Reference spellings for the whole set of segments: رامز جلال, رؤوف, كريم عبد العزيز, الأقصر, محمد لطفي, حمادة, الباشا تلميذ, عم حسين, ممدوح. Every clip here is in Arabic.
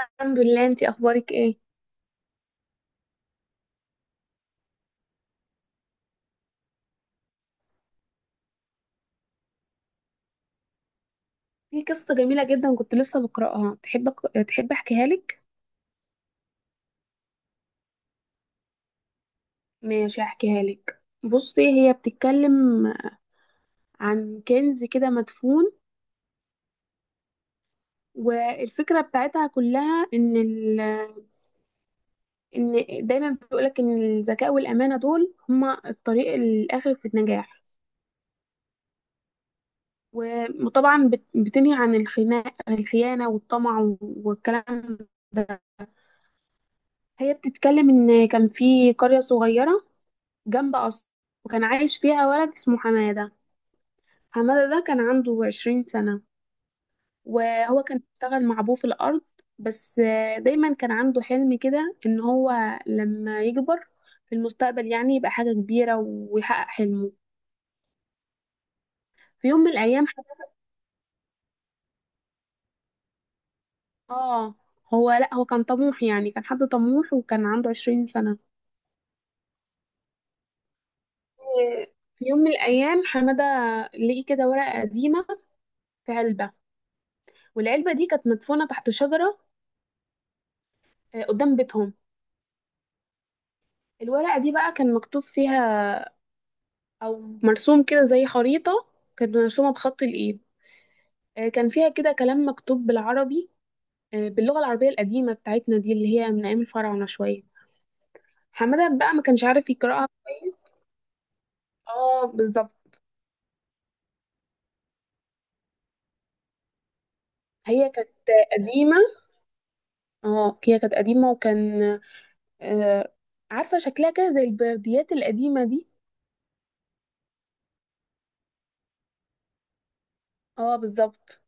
الحمد لله. انتي اخبارك ايه؟ في قصه جميله جدا كنت لسه بقراها، تحب تحب احكيها لك؟ ماشي، احكيها لك. بصي، هي بتتكلم عن كنز كده مدفون، والفكره بتاعتها كلها ان ان دايما بيقولك ان الذكاء والامانه دول هما الطريق الاخر في النجاح. وطبعا بتنهي عن الخناق، الخيانه والطمع والكلام ده. هي بتتكلم ان كان في قرية صغيرة جنب قصر، وكان عايش فيها ولد اسمه حمادة. حمادة ده كان عنده عشرين سنة، وهو كان بيشتغل مع أبوه في الأرض. بس دايما كان عنده حلم كده إن هو لما يكبر في المستقبل يعني يبقى حاجة كبيرة ويحقق حلمه. في يوم من الأيام حد آه هو، لأ، هو كان طموح يعني، كان حد طموح وكان عنده عشرين سنة. في يوم من الأيام حمادة لقي كده ورقة قديمة في علبة، والعلبة دي كانت مدفونة تحت شجرة قدام بيتهم. الورقة دي بقى كان مكتوب فيها أو مرسوم كده زي خريطة، كانت مرسومة بخط الإيد. كان فيها كده كلام مكتوب بالعربي، باللغة العربية القديمة بتاعتنا دي اللي هي من أيام الفراعنة شوية. حمادة بقى ما كانش عارف يقرأها كويس. اه، بالظبط. هي كانت قديمة، اه هي كانت قديمة، وكان آه، عارفة شكلها كده زي البرديات القديمة دي. اه بالظبط.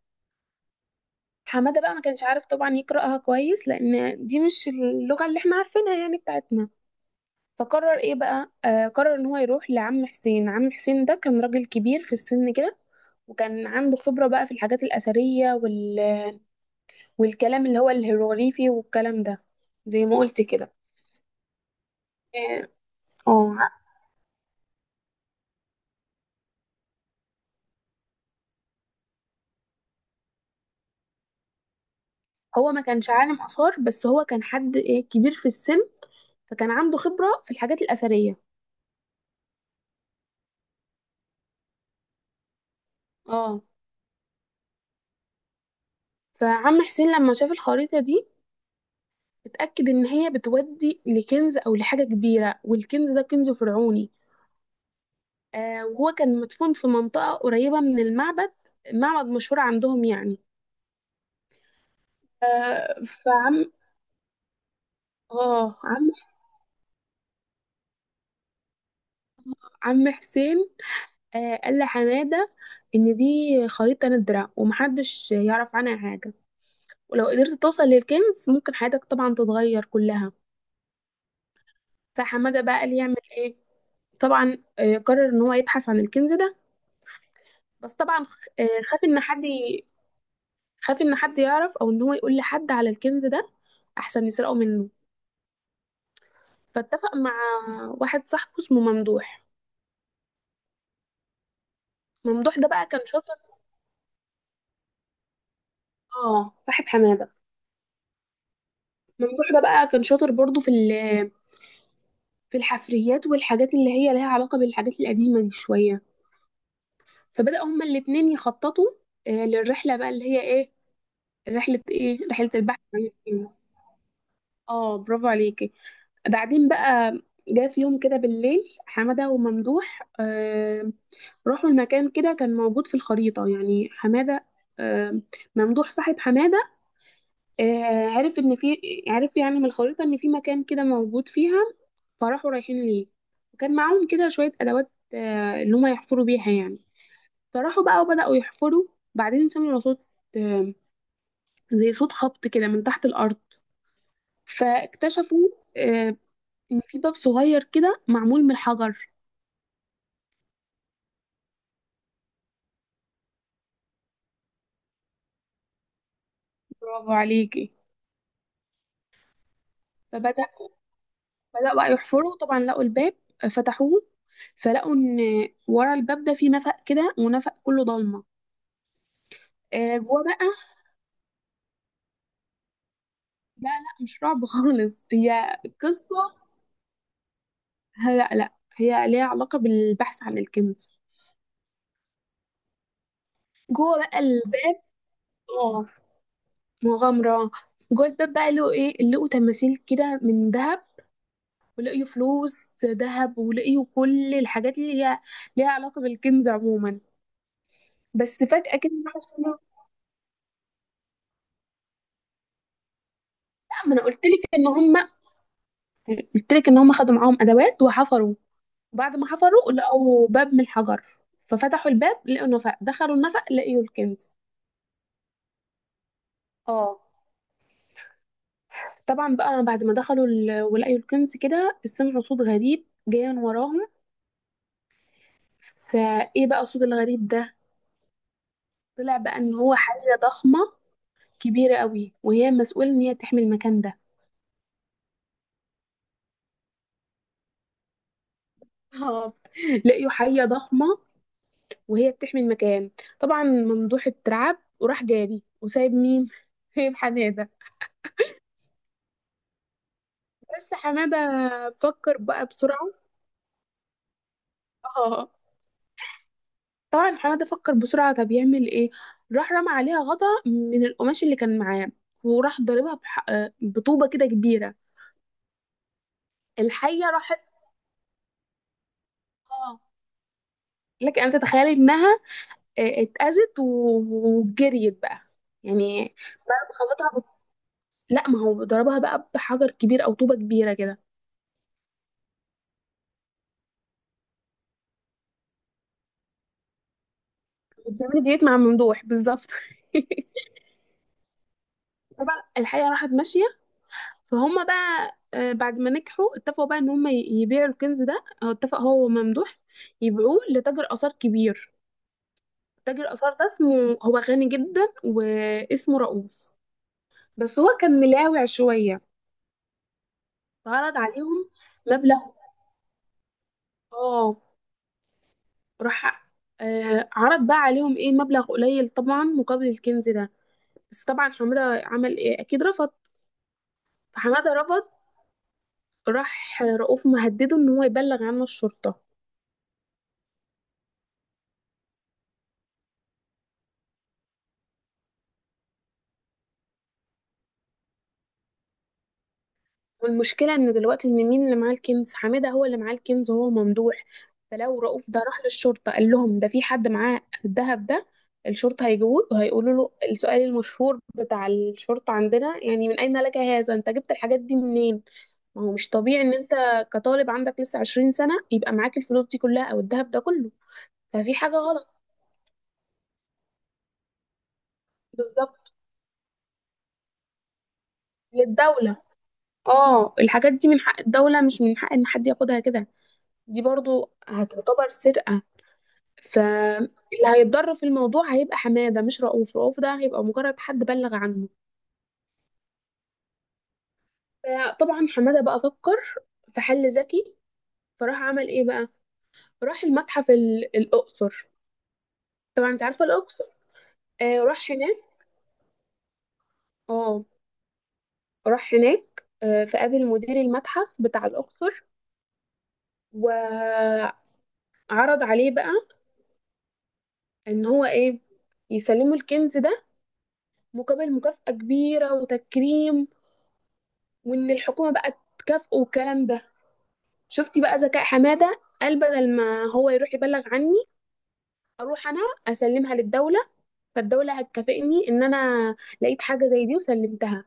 حمادة بقى ما كانش عارف طبعا يقرأها كويس، لأن دي مش اللغة اللي احنا عارفينها يعني بتاعتنا. فقرر ايه بقى، قرر ان هو يروح لعم حسين. عم حسين ده كان راجل كبير في السن كده، وكان عنده خبرة بقى في الحاجات الأثرية والكلام اللي هو الهيروغليفي والكلام ده، زي ما قلت كده. إيه، اه، هو ما كانش عالم آثار، بس هو كان حد ايه، كبير في السن، فكان عنده خبرة في الحاجات الأثرية. اه. فعم حسين لما شاف الخريطة دي اتأكد إن هي بتودي لكنز أو لحاجة كبيرة، والكنز ده كنز فرعوني. وهو كان مدفون في منطقة قريبة من المعبد، معبد مشهور عندهم يعني. آه، فعم اه عم عم حسين قال لحمادة إن دي خريطة ندرة ومحدش يعرف عنها حاجة، ولو قدرت توصل للكنز ممكن حياتك طبعا تتغير كلها. فحمادة بقى قال يعمل ايه؟ طبعا قرر إن هو يبحث عن الكنز ده. بس طبعا خاف خاف إن حد يعرف أو إن هو يقول لحد على الكنز ده، أحسن يسرقه منه. فاتفق مع واحد صاحبه اسمه ممدوح. ممدوح ده بقى كان شاطر. اه، صاحب حماده. ممدوح ده بقى كان شاطر برضو في الحفريات والحاجات اللي هي لها علاقه بالحاجات القديمه دي شويه. فبدأ هما الاتنين يخططوا، للرحله بقى اللي هي ايه، رحله ايه، رحله البحث عن السفينه. اه، برافو عليكي. بعدين بقى جه في يوم كده بالليل حماده وممدوح. راحوا المكان كده، كان موجود في الخريطه، يعني حماده آه ممدوح صاحب حماده عرف ان في، عرف يعني من الخريطة ان في مكان كده موجود فيها. فراحوا رايحين ليه، وكان معاهم كده شوية ادوات اللي هما يحفروا بيها يعني. فراحوا بقى وبدأوا يحفروا. بعدين سمعوا صوت، آه، زي صوت خبط كده من تحت الارض. فاكتشفوا آه، ان في باب صغير كده معمول من الحجر. برافو عليكي. فبدأ بدأوا بقى يحفروا، طبعا لقوا الباب، فتحوه، فلقوا ان ورا الباب ده في نفق كده، ونفق كله ضلمه. جوه بقى. لا لا، مش رعب خالص، هي قصة. لا لا، هي ليها علاقة بالبحث عن الكنز. جوه بقى الباب، اه، مغامرة. جوه الباب بقى لقوا ايه، لقوا تماثيل كده من ذهب، ولقيوا فلوس ذهب، ولقيوا كل الحاجات اللي هي ليها علاقة بالكنز عموما. بس فجأة كده لا، ما انا قلت لك ان هم، قلت لك ان هم خدوا معاهم ادوات وحفروا. بعد ما حفروا لقوا باب من الحجر، ففتحوا الباب، لقوا نفق، دخلوا النفق، لقيوا الكنز. اه. طبعا بقى بعد ما ولقيوا الكنز كده سمعوا صوت غريب جاي من وراهم. فايه بقى الصوت الغريب ده؟ طلع بقى ان هو حية ضخمة كبيرة قوي، وهي مسؤولة ان هي تحمي المكان ده. اه، لقيوا حية ضخمة وهي بتحمي المكان. طبعا ممدوح اترعب وراح جاري وسايب مين سايب حمادة. بس حمادة فكر بقى بسرعة. اه، طبعا حماد فكر بسرعة، طب يعمل ايه؟ راح رمى عليها غطا من القماش اللي كان معاه، وراح ضاربها بح... آه، بطوبة كده كبيرة. الحية راحت. اه، لك ان تتخيلي انها وجريت بقى. يعني خبطها لا، ما هو ضربها بقى بحجر كبير او طوبة كبيرة كده. بتعملي، جريت مع ممدوح بالظبط. طبعا الحية راحت ماشية. فهم بقى بعد ما نجحوا اتفقوا بقى ان يبيعوا الكنز ده، هو اتفق هو وممدوح يبيعوه لتاجر آثار كبير. تاجر آثار ده اسمه، هو غني جدا واسمه رؤوف، بس هو كان ملاوع شوية. فعرض عليهم مبلغ، اه، راح عرض بقى عليهم ايه، مبلغ قليل طبعا مقابل الكنز ده. بس طبعا حمادة عمل ايه، اكيد رفض. فحمادة رفض. راح رؤوف مهدده ان هو يبلغ عنه الشرطة. والمشكلة ان دلوقتي ان مين اللي معاه الكنز؟ حمادة هو اللي معاه الكنز وهو ممدوح. فلو رؤوف ده راح للشرطة قال لهم ده في حد معاه الذهب ده، الشرطة هيجوه وهيقولوا له السؤال المشهور بتاع الشرطة عندنا، يعني من أين لك هذا، انت جبت الحاجات دي منين؟ ما هو مش طبيعي ان انت كطالب عندك لسه 20 سنة يبقى معاك الفلوس دي كلها او الذهب ده كله. ففي حاجة غلط. بالظبط، للدولة. اه، الحاجات دي من حق الدولة، مش من حق ان حد ياخدها كده. دي برضو هتعتبر سرقة. فاللي هيتضرر في الموضوع هيبقى حماده، مش رؤوف. رؤوف ده هيبقى مجرد حد بلغ عنه. فطبعا حماده بقى فكر في حل ذكي. فراح عمل ايه بقى، راح المتحف، الاقصر. طبعا انت عارفه الاقصر. راح هناك. اه، راح هناك، فقابل مدير المتحف بتاع الاقصر، وعرض عليه بقى ان هو ايه، يسلمه الكنز ده مقابل مكافأة كبيرة وتكريم، وان الحكومة بقى تكافئه والكلام ده. شفتي بقى ذكاء حمادة؟ قال بدل ما هو يروح يبلغ عني، اروح انا اسلمها للدولة، فالدولة هتكافئني ان انا لقيت حاجة زي دي وسلمتها.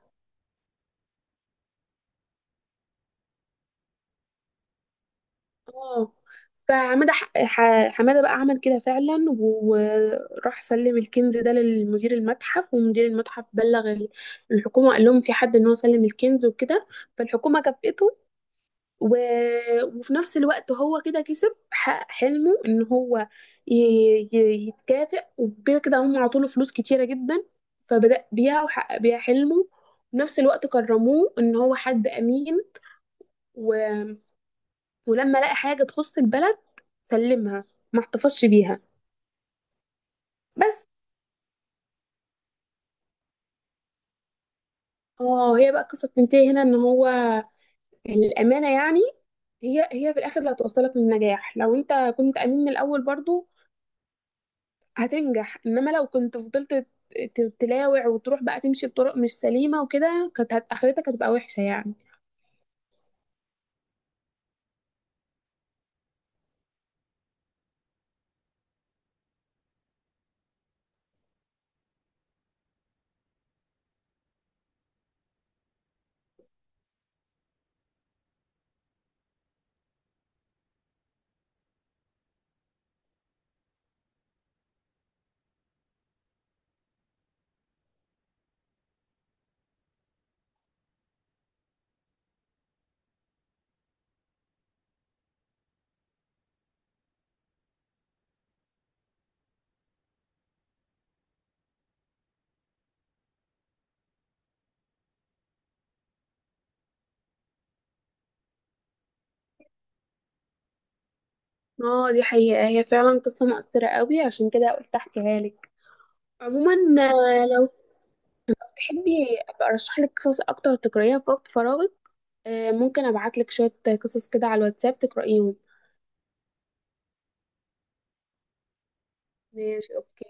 اه، حمادة بقى عمل كده فعلا، وراح سلم الكنز ده لمدير المتحف، ومدير المتحف بلغ الحكومة، قال لهم في حد ان هو سلم الكنز وكده. فالحكومة كافئته، و... وفي نفس الوقت هو كده كسب، حقق حلمه ان هو ي... يتكافئ، وكده كده هم عطوله فلوس كتيرة جدا، فبدأ بيها وحقق بيها حلمه. وفي نفس الوقت كرموه ان هو حد امين، و... ولما لقى حاجة تخص البلد سلمها، ما احتفظش بيها. بس اه، هي بقى القصة بتنتهي هنا، ان هو الأمانة يعني، هي هي في الآخر اللي هتوصلك للنجاح. لو انت كنت أمين من الأول برضو هتنجح، انما لو كنت فضلت تلاوع وتروح بقى تمشي بطرق مش سليمة وكده، كانت اخرتك هتبقى وحشة يعني. اه دي حقيقة، هي فعلا قصة مؤثرة قوي، عشان كده قلت احكيها لك. عموما لو تحبي ابقى ارشح لك قصص اكتر تقرأيها في وقت فراغك، ممكن ابعت لك شوية قصص كده على الواتساب تقرأيهم. ماشي، اوكي.